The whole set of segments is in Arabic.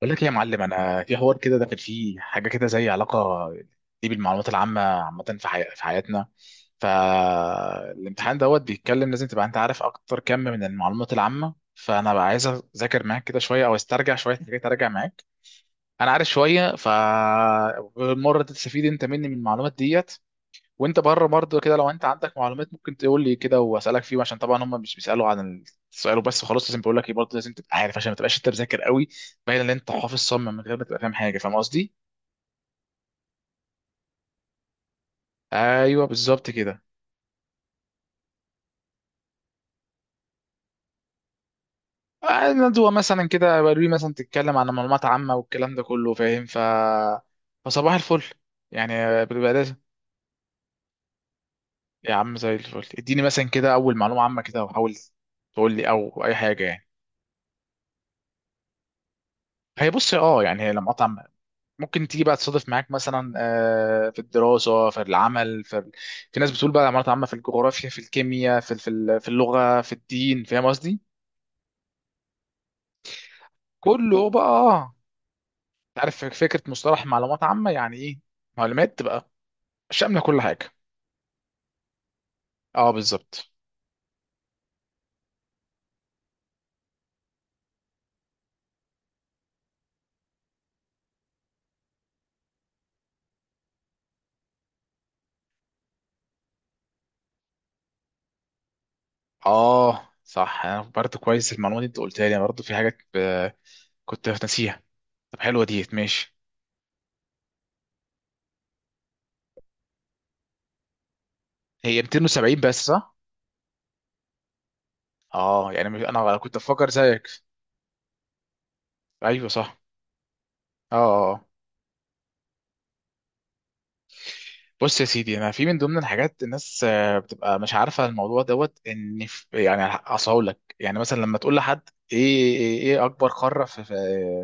بقول لك ايه يا معلم، انا في حوار كده داخل فيه حاجه كده زي علاقه دي بالمعلومات العامه. عامه في في حياتنا. فالامتحان دوت بيتكلم، لازم تبقى انت عارف اكتر كم من المعلومات العامه. فانا بقى عايز اذاكر معاك كده شويه او استرجع شويه حاجات، ارجع معاك. انا عارف شويه. بالمره تستفيد انت مني من المعلومات ديت. وانت بره برضه كده، لو انت عندك معلومات ممكن تقول لي كده واسالك فيهم، عشان طبعا هم مش بيسالوا عن السؤال وبس خلاص. لازم بقول لك ايه برضه، لازم تبقى عارف عشان ما تبقاش انت مذاكر قوي، باين ان انت حافظ صم من غير ما تبقى فاهم حاجه. فاهم قصدي؟ ايوه بالظبط كده. ندوه مثلا كده بروي، مثلا تتكلم عن معلومات عامه والكلام ده كله. فاهم. فصباح الفل. يعني بيبقى لازم. يا عم زي الفل، اديني مثلا كده اول معلومه عامه كده، وحاول تقول لي او اي حاجه يعني. هي بص، اه، يعني هي لما قطع ممكن تيجي بقى تصادف معاك مثلا في الدراسة، في العمل، في ناس بتقول بقى عملت عامة في الجغرافيا، في الكيمياء، في اللغة، في الدين. فاهم قصدي؟ كله بقى آه. عارف فكرة مصطلح معلومات عامة يعني ايه؟ معلومات تبقى شاملة كل حاجة. اه بالظبط. اه صح، انا برضه كويس المعلومة دي انت قلتها لي، أنا برضه في حاجات كنت ناسيها. طب حلوة ديت، ماشي. هي 270 بس، صح؟ اه يعني انا كنت بفكر زيك. ايوه صح. اه آه، آه. بص يا سيدي، انا في من ضمن الحاجات، الناس بتبقى مش عارفه الموضوع دوت، ان في يعني، اصل هقول لك، يعني مثلا لما تقول لحد ايه ايه إيه اكبر قاره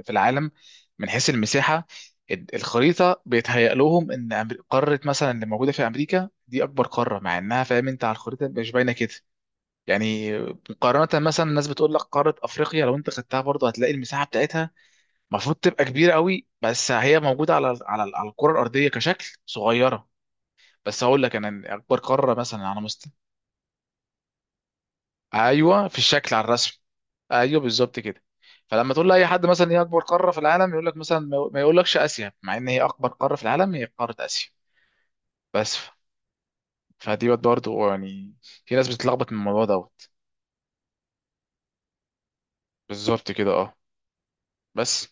في العالم من حيث المساحه، الخريطه بيتهيأ لهم ان قاره مثلا اللي موجوده في امريكا دي اكبر قاره، مع انها فاهم انت على الخريطه مش باينه كده يعني. مقارنه مثلا، الناس بتقول لك قاره افريقيا، لو انت خدتها برضه هتلاقي المساحه بتاعتها المفروض تبقى كبيره قوي، بس هي موجوده على الكره الارضيه كشكل صغيره. بس هقول لك انا إن اكبر قاره مثلا على مستوى. ايوه في الشكل على الرسم. ايوه بالظبط كده. فلما تقول لاي حد مثلا ايه اكبر قاره في العالم، يقول لك مثلا ما يقولكش اسيا، مع ان هي اكبر قاره في العالم، هي قاره اسيا. بس فدي برضه يعني، في ناس بتتلخبط من الموضوع دوت. بالظبط كده، اه. بس.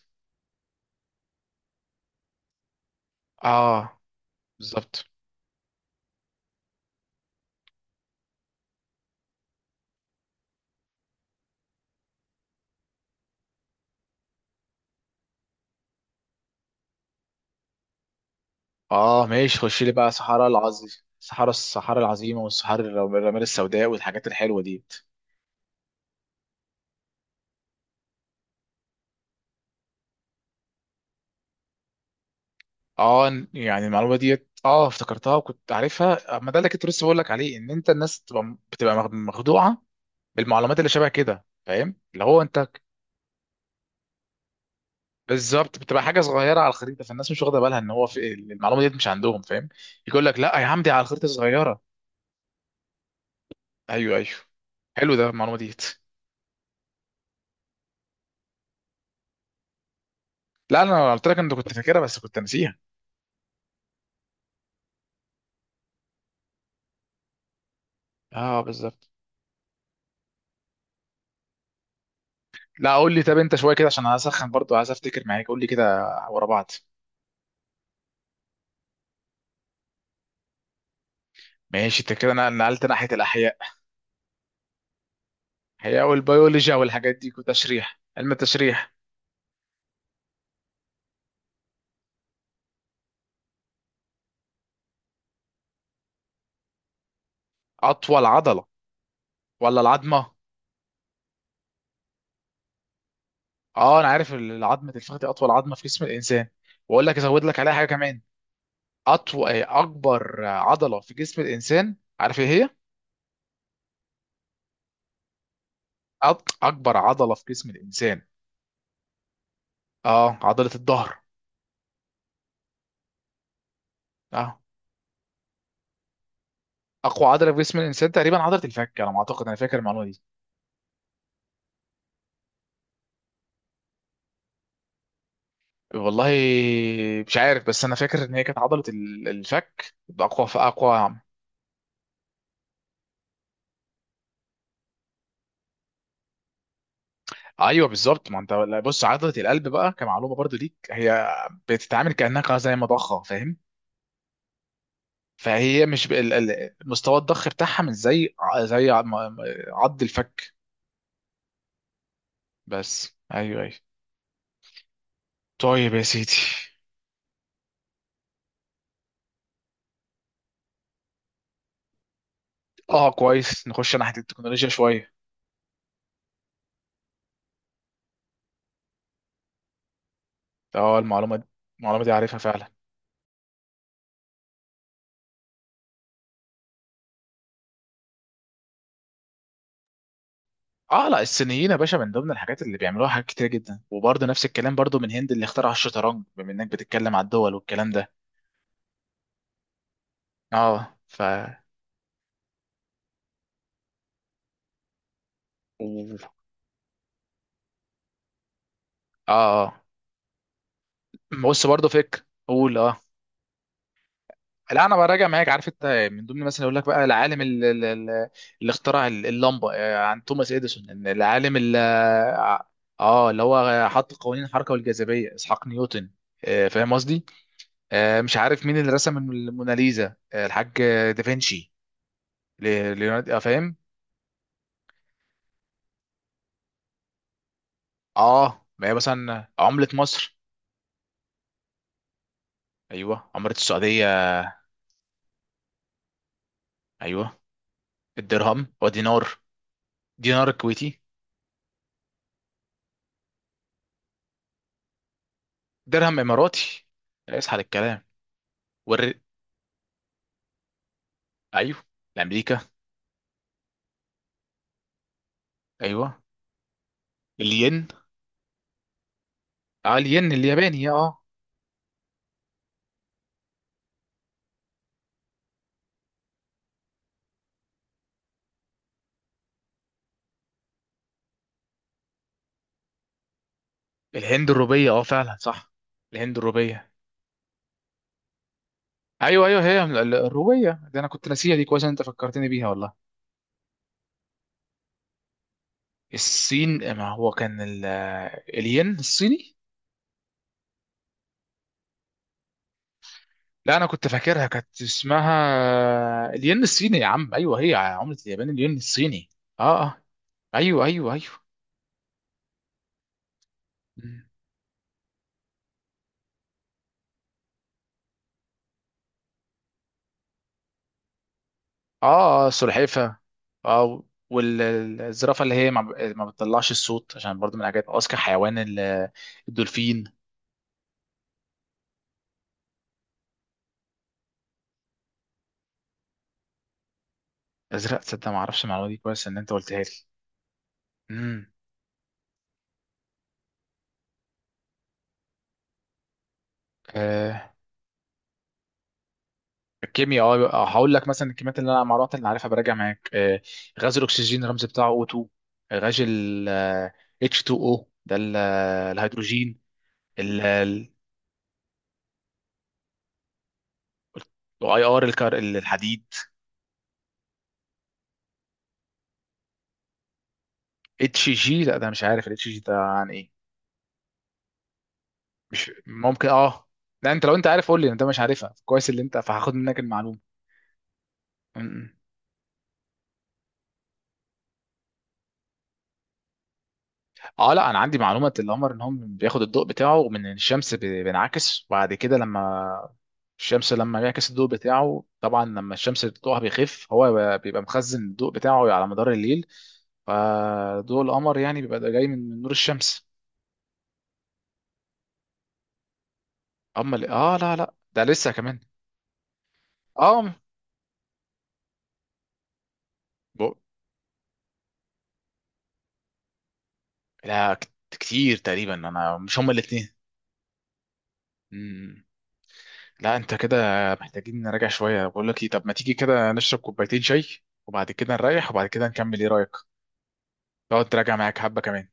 اه بالظبط. اه ماشي، خش لي بقى صحراء العظيم، صحراء، الصحراء العظيمه، والصحراء الرمال السوداء والحاجات الحلوه دي. اه إن- يعني المعلومه ديت اه افتكرتها وكنت عارفها، ما ده اللي كنت لسه بقول لك عليه، ان انت الناس بتبقى بتبقى مخدوعه بالمعلومات اللي شبه كده. فاهم اللي هو انت. بالظبط، بتبقى حاجه صغيره على الخريطه، فالناس مش واخده بالها ان هو في المعلومه ديت مش عندهم. فاهم. يقول لك لا يا عم دي على الخريطه صغيره. ايوه ايوه. حلو ده المعلومه ديت. لا انا قلت لك انت كنت فاكرها بس كنت ناسيها. اه بالظبط. لا قول لي، طب انت شويه كده عشان هسخن برضو، عايز افتكر معاك. قول لي كده ورا بعض. ماشي. انت كده انا نقلت ناحيه الاحياء. هي والبيولوجيا والحاجات دي، وتشريح، علم التشريح. اطول عضله ولا العظمه؟ اه انا عارف العظمه الفخذ دي اطول عظمه في جسم الانسان، واقول لك ازود لك عليها حاجه كمان. اطول، اكبر عضله في جسم الانسان عارف ايه هي؟ اكبر عضله في جسم الانسان. اه عضله الظهر. اه اقوى عضله في جسم الانسان تقريبا عضله الفك، على ما اعتقد. انا فاكر المعلومه دي. والله مش عارف، بس انا فاكر ان هي كانت عضله الفك. اقوى. ايوه بالظبط. ما انت لا، بص عضله القلب بقى كمعلومه برضو ليك، هي بتتعامل كانها زي مضخه. فاهم. فهي مش مستوى الضخ بتاعها مش زي م- عض الفك. بس ايوه ايوه. طيب يا سيدي. اه كويس، نخش ناحيه التكنولوجيا شويه. اه المعلومه دي، المعلومه دي عارفها فعلا. اه لا، الصينيين يا باشا، من ضمن الحاجات اللي بيعملوها حاجات كتير جدا. وبرضه نفس الكلام برضه من هند اللي اخترع الشطرنج، بما انك بتتكلم على الدول والكلام ده. اه. ف اه اه بص برضه، فكر. قول اه. لا انا براجع معاك. عارف انت، من ضمن مثلا اقول لك بقى، العالم اللي اخترع اللمبه، عن توماس اديسون. إن العالم اه اللي هو حط قوانين الحركه والجاذبيه اسحاق نيوتن. فاهم قصدي. مش عارف مين اللي رسم الموناليزا، الحاج دافنشي، ليوناردو. فاهم. اه، ما هي مثلا عمله مصر. ايوه، عمله السعوديه. ايوه، الدرهم ودينار. دينار كويتي. درهم اماراتي. اسحل الكلام. ايوه الامريكا. ايوه الين. اه الين الياباني. اه آه. الهند الروبيه، اه فعلا صح. الهند الروبيه. ايوه ايوه، هي الروبيه ده انا كنت ناسيها دي. كويس إن انت فكرتني بيها والله. الصين ما هو كان الين الصيني. لا انا كنت فاكرها كانت اسمها الين الصيني يا عم. ايوه هي عمله اليابان الين الصيني. اه اه. ايوه ايوه. ايوه. اه اه سلحفة. اه. والزرافة اللي هي ما بتطلعش الصوت، عشان برضو من الحاجات. اذكى حيوان الدولفين. ازرق؟ تصدق ما اعرفش المعلومة دي. كويس ان انت قلتها لي. امم. آه الكيمياء، اه. هقول لك مثلا الكميات اللي انا، المعلومات اللي عارفها براجع معاك آه. غاز الاكسجين الرمز بتاعه O2. غاز ال H2O ده الهيدروجين ال ال- اي ار الكار الحديد. اتش جي، لا ده مش عارف الاتش جي ده عن ايه. مش ممكن، اه. لا، انت لو انت عارف قول لي، انت مش عارفها كويس اللي انت فهاخد منك المعلومه. م- م. اه لا انا عندي معلومه القمر ان هو بياخد الضوء بتاعه من الشمس، بينعكس. وبعد كده لما الشمس لما بيعكس الضوء بتاعه طبعا، لما الشمس ضوءها بيخف، هو بيبقى مخزن الضوء بتاعه على مدار الليل. فضوء القمر يعني بيبقى ده جاي من نور الشمس. اما اه لا لا، ده لسه كمان. اه ب- لا كتير تقريبا. انا مش هما الاثنين. لا انت كده محتاجين نراجع شويه. بقول لك ايه، طب ما تيجي كده نشرب كوبايتين شاي وبعد كده نريح وبعد كده نكمل، ايه رايك؟ تقعد تراجع معاك حبه كمان.